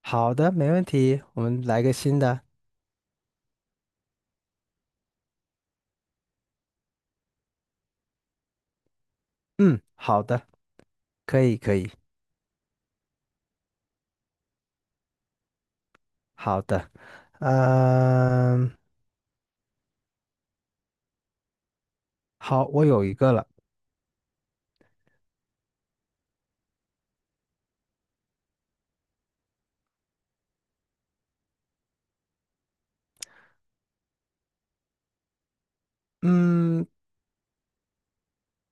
好的，没问题，我们来个新的。嗯，好的，可以，可以，好的。嗯，好，我有一个了。嗯，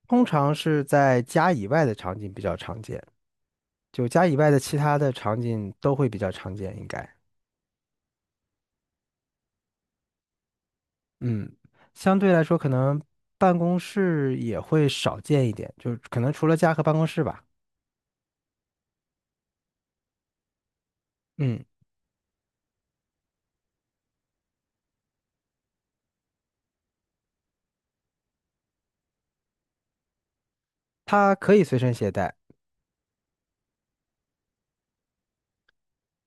通常是在家以外的场景比较常见，就家以外的其他的场景都会比较常见，应该。嗯，相对来说，可能办公室也会少见一点，就是可能除了家和办公室吧。嗯，它可以随身携带。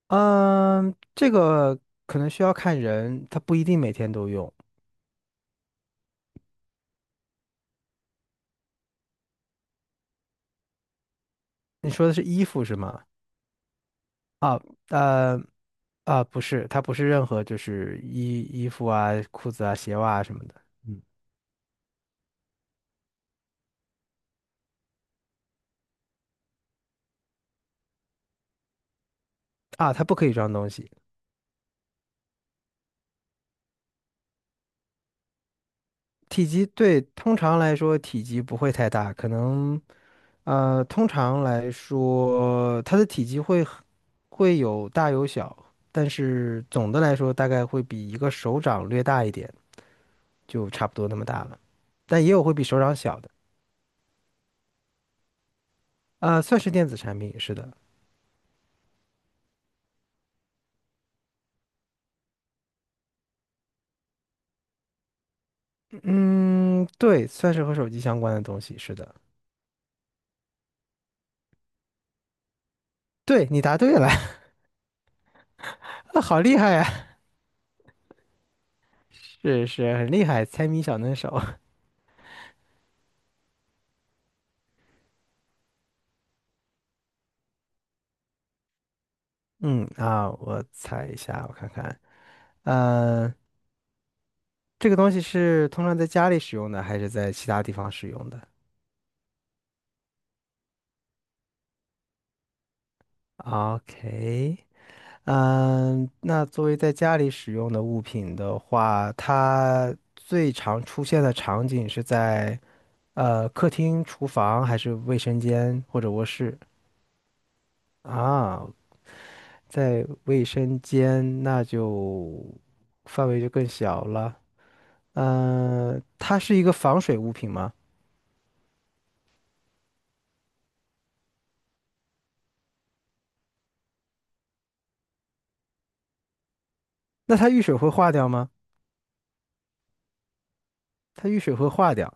嗯，这个可能需要看人，他不一定每天都用。你说的是衣服是吗？啊，呃，啊，不是，它不是任何就是衣服啊、裤子啊、鞋袜啊什么的。嗯，啊，它不可以装东西。体积对，通常来说体积不会太大，可能通常来说它的体积会有大有小，但是总的来说大概会比一个手掌略大一点，就差不多那么大了。但也有会比手掌小的，啊，算是电子产品，是的。嗯，对，算是和手机相关的东西，是的。对，你答对了，啊，好厉害呀！是是，很厉害，猜谜小能手。嗯啊，我猜一下，我看看，嗯，这个东西是通常在家里使用的，还是在其他地方使用的？OK，嗯，那作为在家里使用的物品的话，它最常出现的场景是在客厅、厨房，还是卫生间或者卧室？啊在卫生间那就范围就更小了。嗯、它是一个防水物品吗？那它遇水会化掉吗？它遇水会化掉。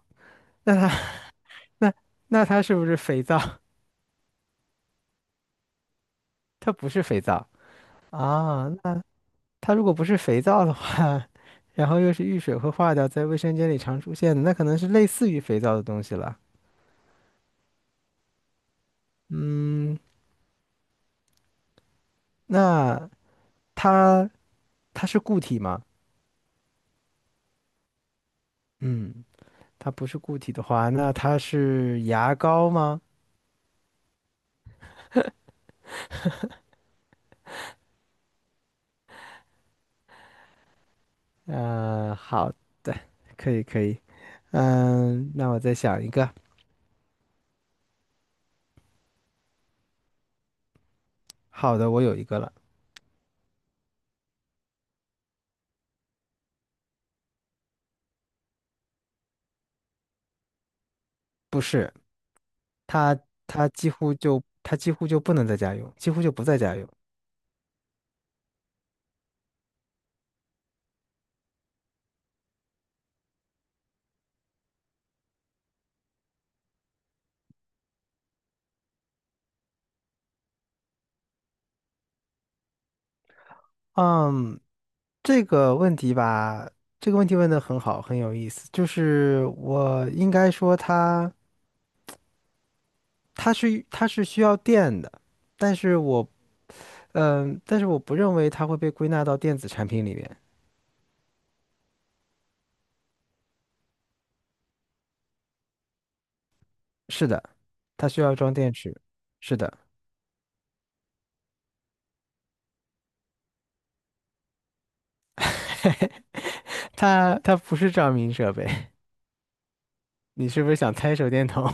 那它 那它是不是肥皂？它不是肥皂啊。那它如果不是肥皂的话，然后又是遇水会化掉，在卫生间里常出现的，那可能是类似于肥皂的东西了。嗯，那它它是固体吗？嗯，它不是固体的话，那它是牙膏吗？嗯、好的，可以可以。嗯，那我再想一个。好的，我有一个了。不是，它它几乎就不能在家用，几乎就不在家用。嗯，这个问题吧，这个问题问得很好，很有意思。就是我应该说它它是需要电的，但是我嗯，但是我不认为它会被归纳到电子产品里面。是的，它需要装电池。是的。它不是照明设备，你是不是想猜手电筒？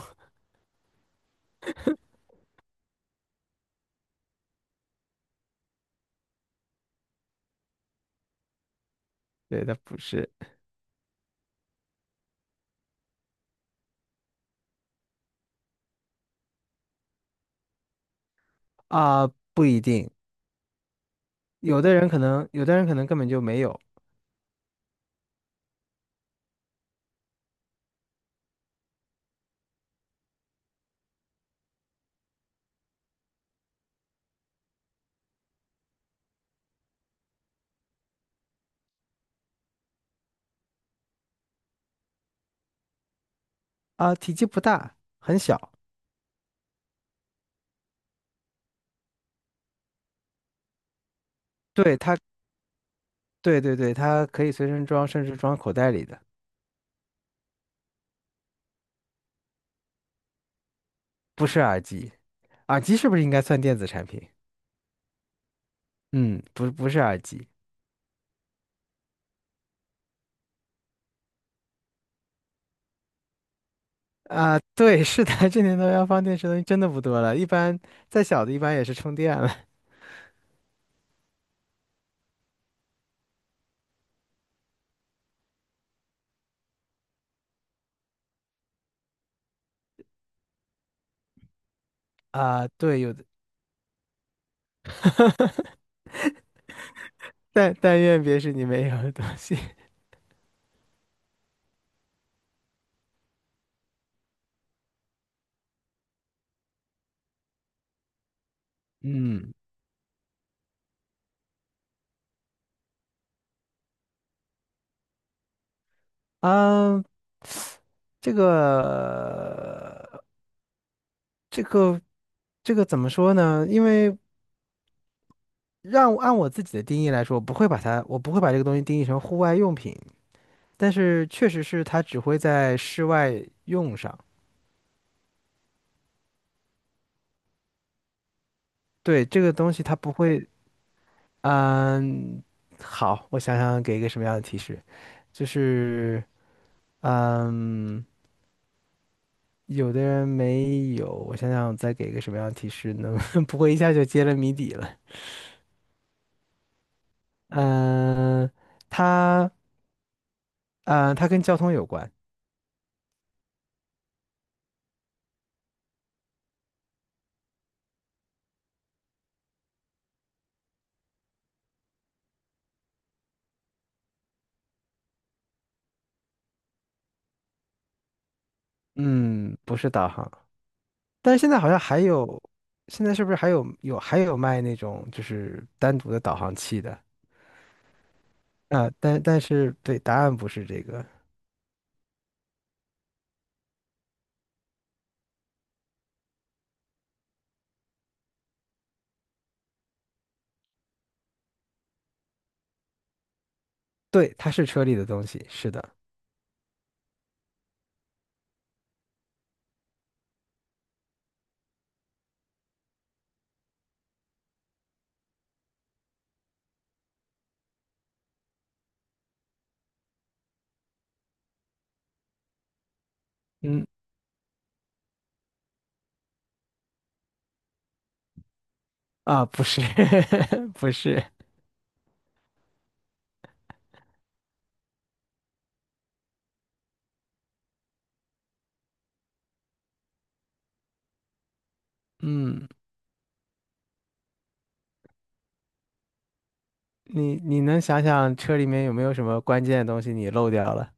对，它不是啊，不一定，有的人可能，有的人可能根本就没有啊，体积不大，很小。对它，对对对，它可以随身装，甚至装口袋里的，不是耳机。耳机是不是应该算电子产品？嗯，不，不是耳机啊，对，是的，这年头要放电池的东西真的不多了，一般再小的，一般也是充电了啊，对，有的，但愿别是你没有的东西。嗯。嗯，这个这个这个怎么说呢？因为让按我自己的定义来说，我不会把它，我不会把这个东西定义成户外用品，但是确实是它只会在室外用上。对，这个东西它不会，嗯，好，我想想给一个什么样的提示，就是嗯，有的人没有，我想想再给一个什么样的提示呢？不会一下就揭了谜底了。嗯，它。它跟交通有关，嗯，不是导航。但是现在好像还有，现在是不是还有卖那种就是单独的导航器的啊？但是对，答案不是这个，对，它是车里的东西，是的，嗯啊，不是 不是，嗯，你能想想车里面有没有什么关键的东西你漏掉了？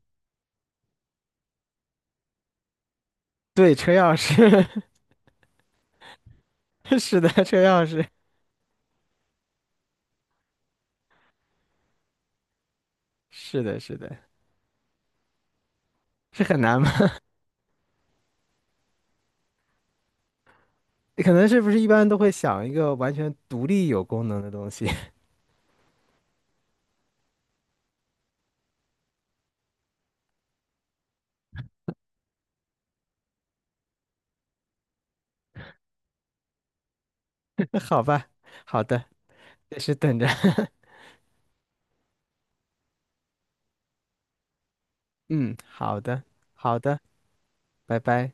对，车钥匙，是的，车钥匙，是的，是的，是很难吗？你可能是不是一般都会想一个完全独立有功能的东西？好吧，好的，也是等着。嗯，好的，好的，拜拜。